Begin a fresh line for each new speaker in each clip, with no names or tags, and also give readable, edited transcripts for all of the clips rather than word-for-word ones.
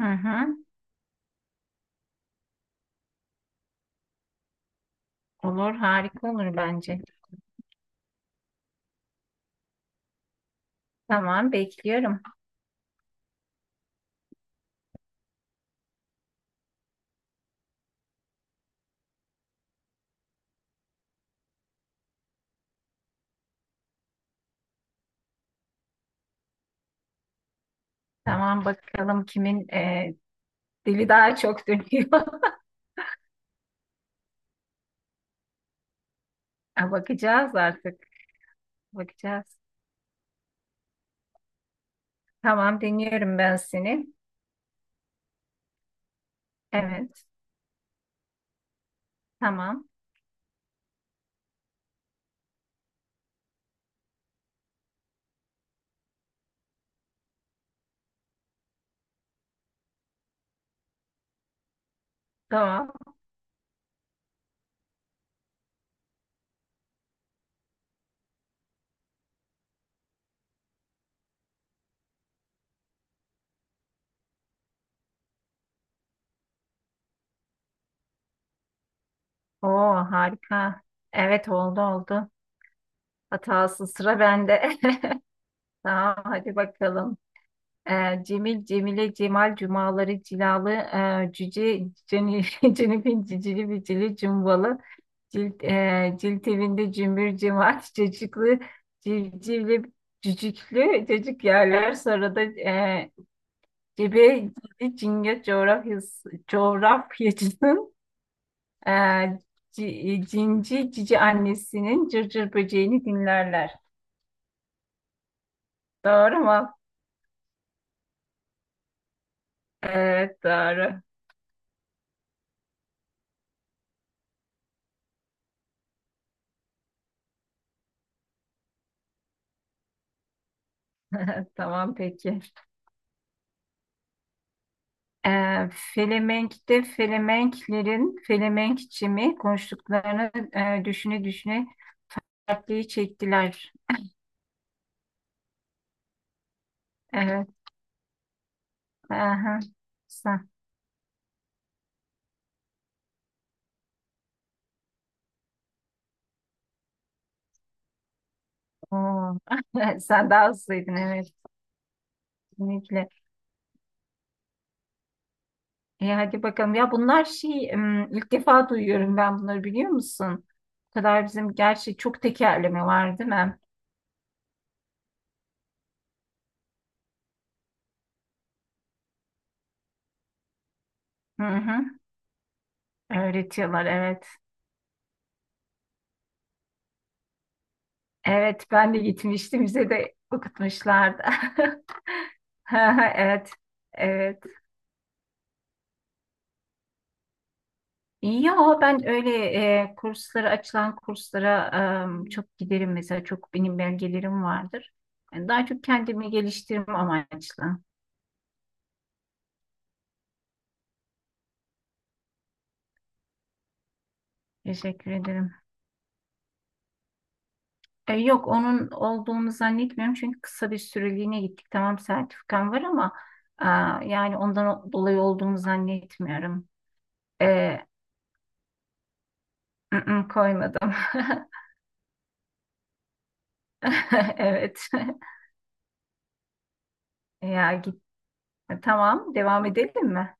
Hı hı. Olur, harika olur bence. Tamam, bekliyorum. Tamam, bakalım kimin dili daha çok dönüyor. Ha, bakacağız artık, bakacağız. Tamam, dinliyorum ben seni. Evet, tamam, tamam. Oo, harika. Evet, oldu oldu. Hatası sıra bende. Tamam, hadi bakalım. Cemil, Cemile, Cemal, Cumaları, Cilalı, Cüce, Ceni, Cenifin, Cicili, Bicili, Cumbalı. Cilt, cilt evinde cümbür cemaat cacıklı civcivli cücüklü cacık yerler, sonra da cebe cildi cinge coğrafyası, coğrafyacının e, cinci cici annesinin cırcır böceğini dinlerler. Doğru mu? Evet, doğru. Tamam, peki. E, Felemenk'te Felemenklerin Felemenkçimi konuştuklarını düşüne düşüne dertliği çektiler. Evet. Aha, sen. Oo. Sen daha hızlıydın, evet, kesinlikle. Hadi bakalım. Ya bunlar şey, ilk defa duyuyorum ben bunları, biliyor musun? Bu kadar bizim gerçi çok tekerleme var, değil mi? Hı hı. Öğretiyorlar, evet. Evet, ben de gitmiştim, bize de okutmuşlardı. Evet. Evet. Ya ben öyle kurslara, açılan kurslara çok giderim mesela, çok benim belgelerim vardır. Yani daha çok kendimi geliştirme amaçlı. Teşekkür ederim. Yok, onun olduğunu zannetmiyorum, çünkü kısa bir süreliğine gittik. Tamam, sertifikam var, ama a, yani ondan dolayı olduğunu zannetmiyorum. E, ı-ı, koymadım. Evet. Ya git. Tamam, devam edelim mi?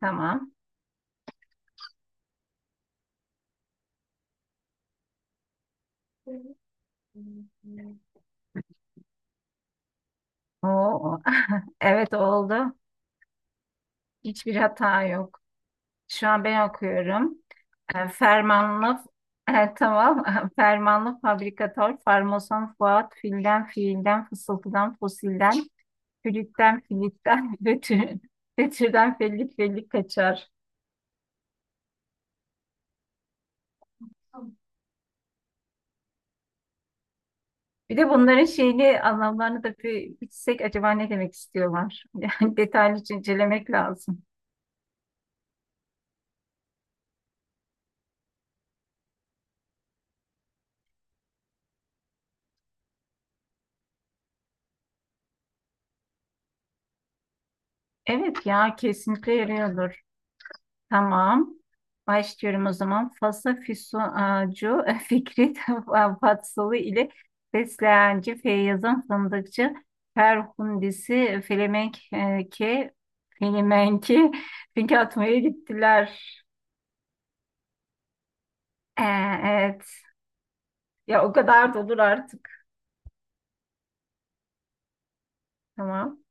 Tamam. Oo, evet, oldu. Hiçbir hata yok. Şu an ben okuyorum. E, Fermanlı tamam. Fermanlı fabrikatör, farmason Fuat, filden fiilden, fısıltıdan fosilden, flütten filitten, fötürden fellik fellik kaçar. Bir de bunların şeyini, anlamlarını da bir bitsek, acaba ne demek istiyorlar? Yani detaylıca incelemek lazım. Evet ya, kesinlikle yarıyordur. Tamam. Başlıyorum o zaman. Fasa Füsuncu Fikret Fatsalı ile Fesleğenci Feyyaz'ın Fındıkçı Ferhundisi Felemenki Finke atmaya gittiler. E, evet. Ya, o kadar da olur artık. Tamam.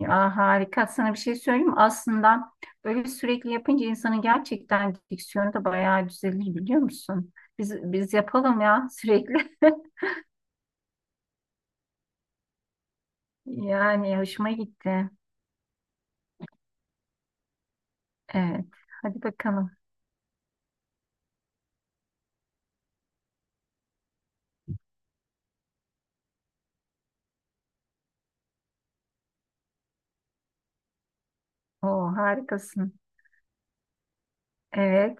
Ya, harika. Sana bir şey söyleyeyim mi? Aslında böyle sürekli yapınca insanın gerçekten diksiyonu da bayağı düzelir, biliyor musun? Biz yapalım ya sürekli. Yani hoşuma gitti. Evet. Hadi bakalım. Oo, harikasın. Evet.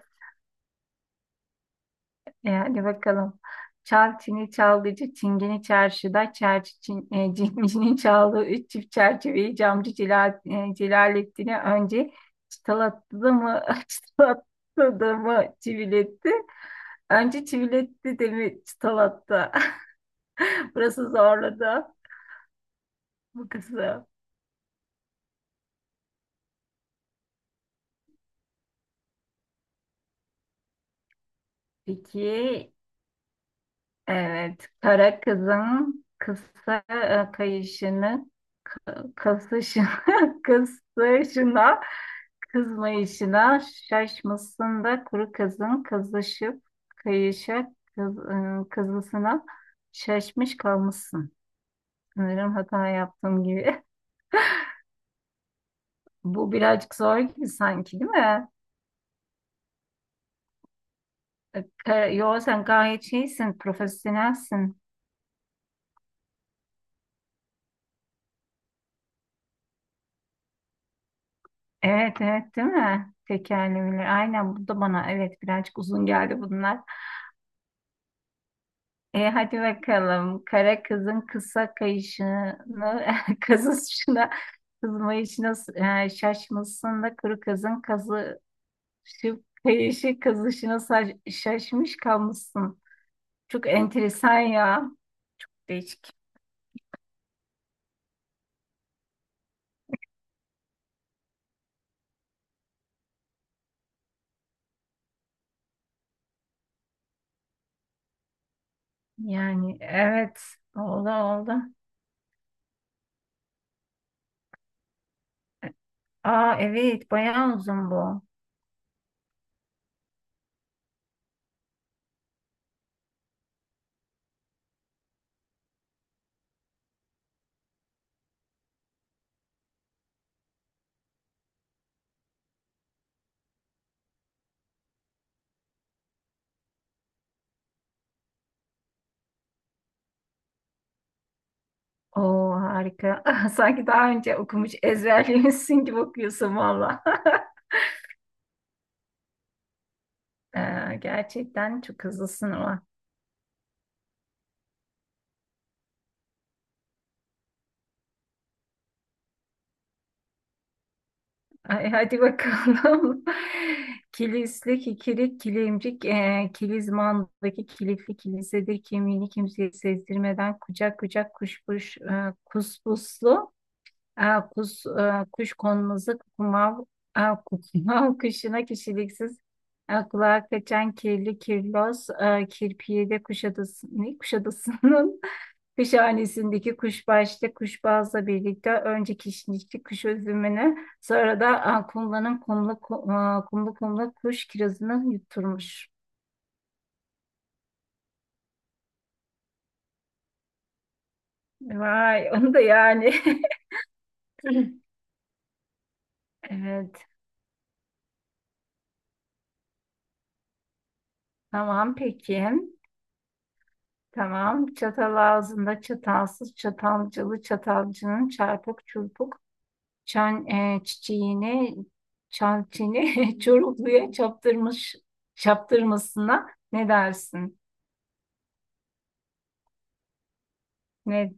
Hadi bakalım. Çal çini çalgıcı çingeni çarşıda çerçi cincinin çaldığı üç çift çerçeveyi camcı Celalettin'e önce çıtalattı mı çıtalattı da mı çiviletti? Önce çiviletti de mi çıtalattı? Burası zorladı. Bu kızı. Peki. Evet, kara kızın kısa kayışını, kasışını, kısışına, kızmayışına şaşmışsın da kuru kızın kızışıp kayışa kızısına şaşmış kalmışsın. Sanırım hata yaptığım gibi. Bu birazcık zor gibi sanki, değil mi? E, Yo, sen gayet şeysin, profesyonelsin. Evet, evet, değil mi? Tekerlemeler. Aynen, bu da bana, evet, birazcık uzun geldi bunlar. Hadi bakalım. Kara kızın kısa kayışını, kazışına, kızmayışına şaşmışsın da kuru kızın kazışıp kayışı kazışına şaşmış kalmışsın. Çok enteresan ya. Değişik. Yani evet. Oldu oldu. Aa, evet. Bayağı uzun bu. Oo, harika. Sanki daha önce okumuş, ezberlemişsin gibi okuyorsun valla. Gerçekten çok hızlısın o. Ay, hadi bakalım. Kilisli kikirik, kilimcik, kilizmandaki kilitli kilisedir. Kimliğini kimseye sezdirmeden kucak kucak kuspuslu, e, kuş konmazı kumav kuşuna, kişiliksiz, kulağa kaçan kirli kirpiyede Kuşadası, ne? Kuşadası'nın kuşhanesindeki kuşbaşlı kuşbazla birlikte önce kişnişli kuş üzümünü, sonra da kumlanın kumlu kumlu kuş kirazını yutturmuş. Vay, onu da yani. Evet, tamam, peki. Tamam, çatal ağzında çatalsız çatalcılı çatalcının çarpık çurpuk çiçeğini çançini çorukluya çaptırmış çaptırmasına ne dersin? Ne,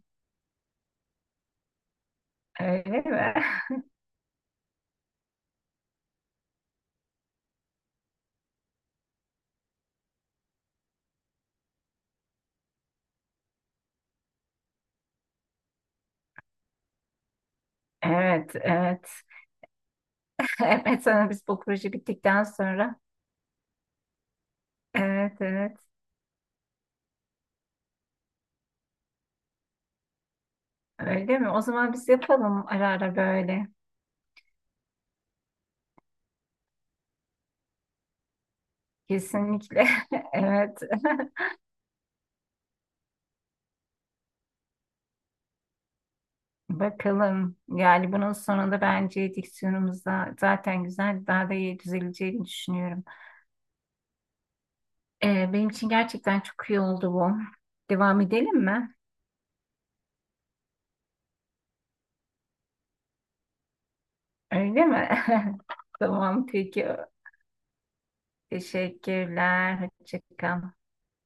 öyle mi? Evet, evet. Evet, sana biz bu proje bittikten sonra. Evet, evet. Öyle mi? O zaman biz yapalım ara ara böyle. Kesinlikle. Evet. Bakalım. Yani bunun sonunda bence diksiyonumuz da zaten güzel, daha da iyi düzeleceğini düşünüyorum. Benim için gerçekten çok iyi oldu bu. Devam edelim mi? Öyle mi? Tamam, peki. Teşekkürler. Hoşça kal.